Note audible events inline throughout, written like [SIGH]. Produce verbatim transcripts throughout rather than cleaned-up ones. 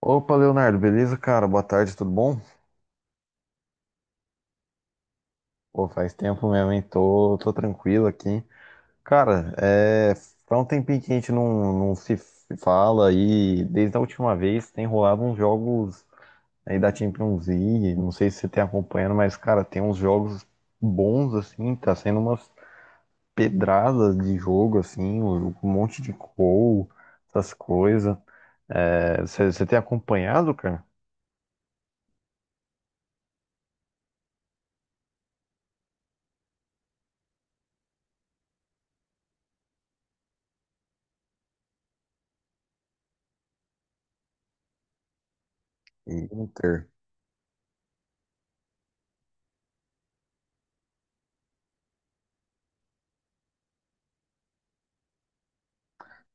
Opa, Leonardo, beleza, cara? Boa tarde, tudo bom? Pô, faz tempo mesmo, hein? Tô, tô tranquilo aqui. Cara, é, faz um tempinho que a gente não, não se fala, e desde a última vez tem rolado uns jogos aí da Champions League. Não sei se você tem acompanhando, mas, cara, tem uns jogos bons, assim, tá sendo umas pedradas de jogo, assim, um um monte de gol, essas coisas. É, você você tem acompanhado, cara? Inter.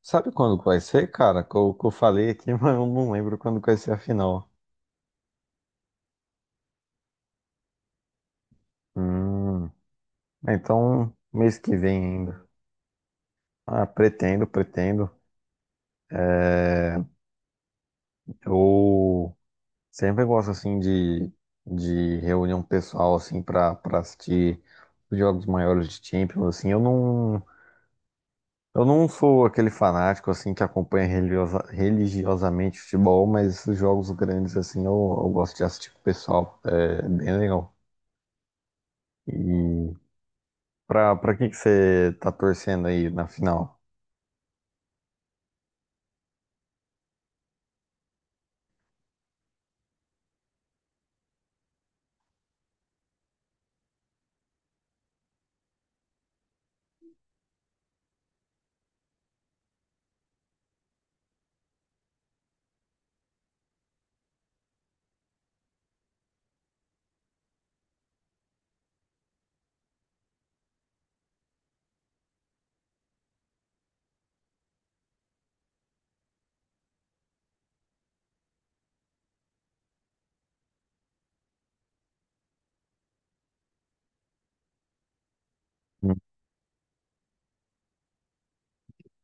Sabe quando que vai ser, cara? Que eu, que eu falei aqui, [LAUGHS] mas eu não lembro quando que vai ser a final. Hum, então, mês que vem ainda. Ah, pretendo, pretendo. Eu sempre gosto, assim, de, de reunião pessoal, assim, pra, pra assistir os jogos maiores de Champions, assim. Eu não, eu não sou aquele fanático, assim, que acompanha religiosa, religiosamente futebol, mas esses jogos grandes, assim, eu, eu gosto de assistir com o pessoal. É bem legal. E... Pra, pra que que você tá torcendo aí na final? Hum.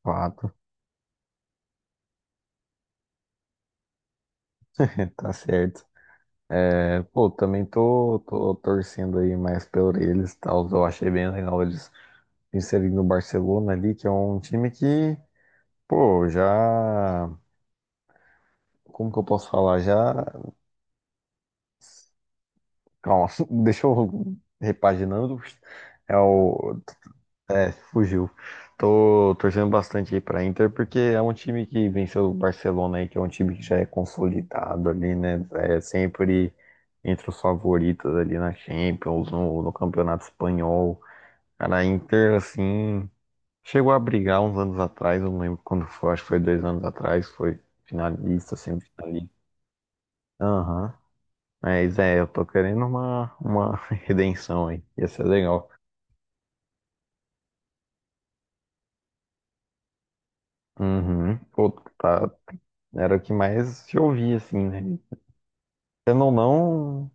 Fato. [LAUGHS] Tá certo. É, pô, também tô, tô torcendo aí mais pelo eles, e tal. Eu achei bem legal eles inserindo o Barcelona ali, que é um time que, pô, já. Como que eu posso falar? Já. Calma, [LAUGHS] deixa eu repaginando. É o, é, fugiu. Tô torcendo bastante aí pra Inter, porque é um time que venceu o Barcelona aí, que é um time que já é consolidado ali, né? É sempre entre os favoritos ali na Champions, no, no Campeonato Espanhol. Cara, a Inter, assim, chegou a brigar uns anos atrás, eu não lembro quando foi, acho que foi dois anos atrás, foi finalista, semifinalista. Aham. Mas é, eu tô querendo uma, uma [LAUGHS] redenção aí. Ia ser legal. Uhum. Pô, tá. Era o que mais se ouvia, assim, né? Querendo ou não,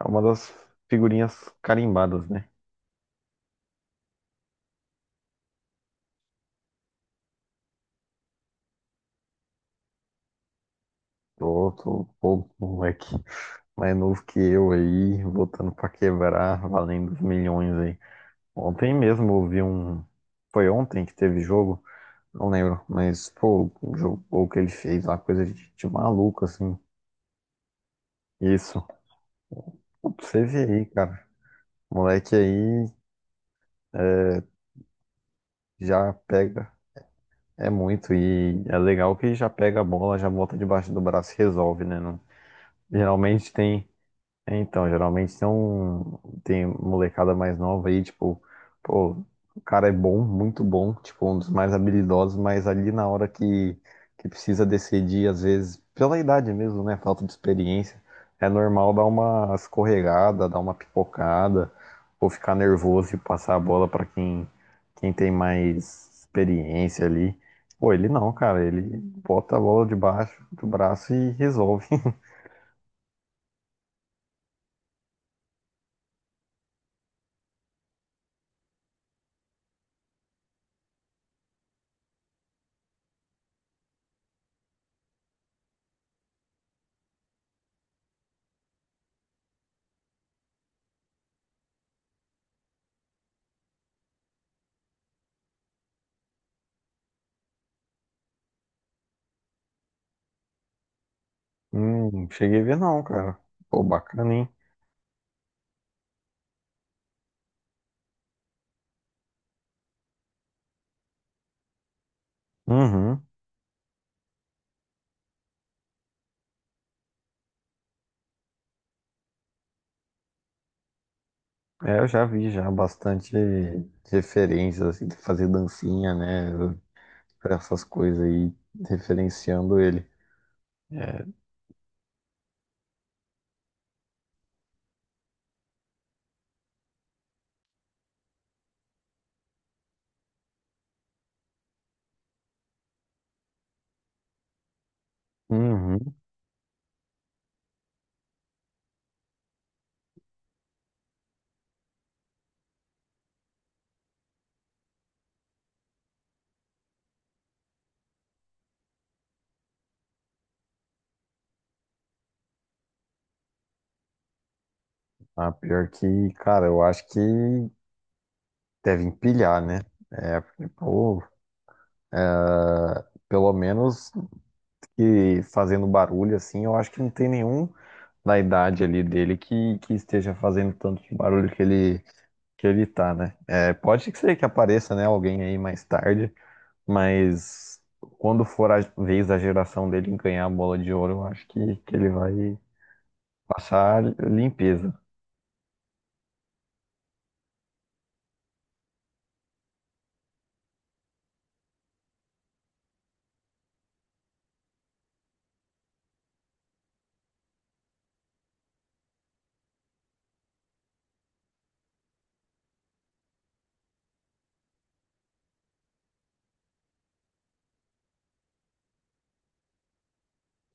é uma das figurinhas carimbadas, né? Tô, tô, pô, moleque mais novo que eu aí, voltando pra quebrar, valendo os milhões aí. Ontem mesmo eu ouvi um. Foi ontem que teve jogo? Não lembro, mas, pô, o jogo o que ele fez lá, coisa de, de maluco, assim. Isso. Pô, pra você ver aí, cara. Moleque aí já pega. É muito, e é legal que já pega a bola, já bota debaixo do braço e resolve, né? Não- geralmente tem é, então, geralmente tem um, tem molecada mais nova aí, tipo, pô, o cara é bom, muito bom, tipo, um dos mais habilidosos, mas ali na hora que, que precisa decidir, às vezes, pela idade mesmo, né, falta de experiência, é normal dar uma escorregada, dar uma pipocada, ou ficar nervoso e passar a bola pra quem, quem tem mais experiência ali. Pô, ele não, cara, ele bota a bola debaixo do braço e resolve. Hum, cheguei a ver não, cara. Pô, bacana, hein? Uhum. É, eu já vi já bastante referências, assim, de fazer dancinha, né? Pra essas coisas aí, referenciando ele. É. Uhum. Ah, pior que, cara, eu acho que deve empilhar, né? É, porque, pô, pelo menos que fazendo barulho, assim, eu acho que não tem nenhum na idade ali dele que, que esteja fazendo tanto barulho que ele que ele tá, né? É, pode ser que apareça, né, alguém aí mais tarde, mas quando for a vez da geração dele ganhar a bola de ouro, eu acho que, que ele vai passar limpeza.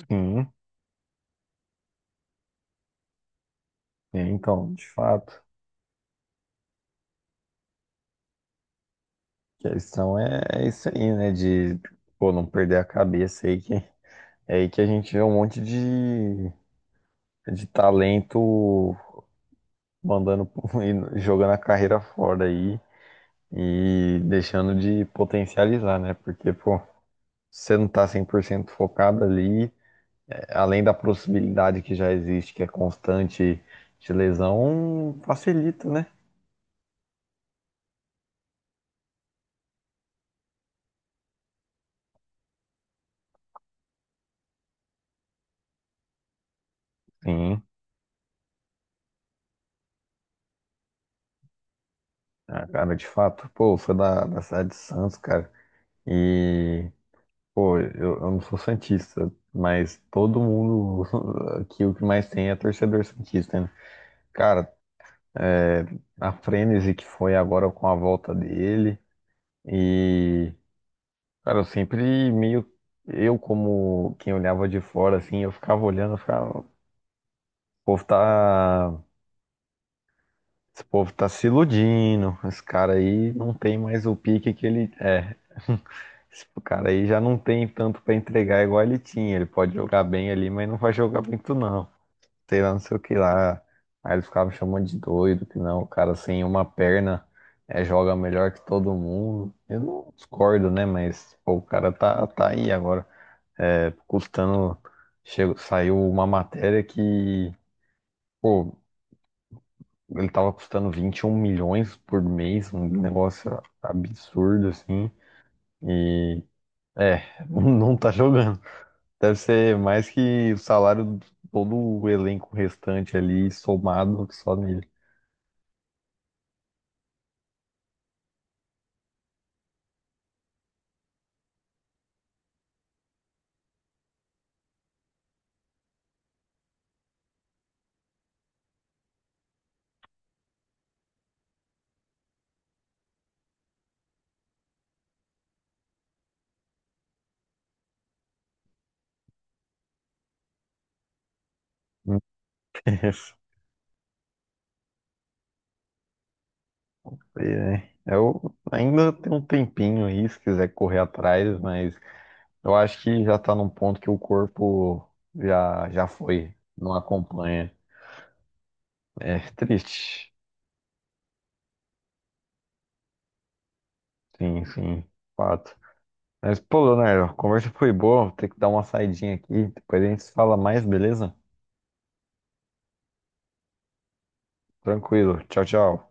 Sim, é, então, de fato, a questão é, é isso aí, né, de pô, não perder a cabeça aí que é aí que a gente vê um monte de, de talento mandando pro- [LAUGHS] e jogando a carreira fora aí e deixando de potencializar, né? Porque, pô, você não tá cem por cento focado ali, além da possibilidade que já existe, que é constante de lesão, facilita, né? Sim, ah, cara, de fato, pô, eu sou da, da cidade de Santos, cara, e, pô, eu, eu não sou santista, mas todo mundo [LAUGHS] aqui o que mais tem é torcedor santista, né? Cara, é, a frenesi que foi agora com a volta dele e cara, eu sempre meio. Eu, como quem olhava de fora, assim, eu ficava olhando, eu ficava. O povo tá. Esse povo tá se iludindo. Esse cara aí não tem mais o pique que ele. É. [LAUGHS] Esse cara aí já não tem tanto pra entregar igual ele tinha. Ele pode jogar bem ali, mas não vai jogar muito, não. Sei lá, não sei o que lá. Aí eles ficavam me chamando de doido, que não, o cara sem uma perna é, joga melhor que todo mundo. Eu não discordo, né? Mas, pô, o cara tá, tá aí agora. É, custando. Chegou, saiu uma matéria que, pô, ele tava custando vinte e um milhões por mês, um negócio absurdo assim. E é, [LAUGHS] não tá jogando. Deve ser mais que o salário de todo o elenco restante ali somado só nele. [LAUGHS] É, eu ainda tenho um tempinho aí, se quiser correr atrás, mas eu acho que já tá num ponto que o corpo já, já foi, não acompanha. É triste. Sim, sim, fato. Mas, pô, Leonardo, a conversa foi boa. Vou ter que dar uma saidinha aqui. Depois a gente se fala mais, beleza? Tranquilo. Tchau, tchau.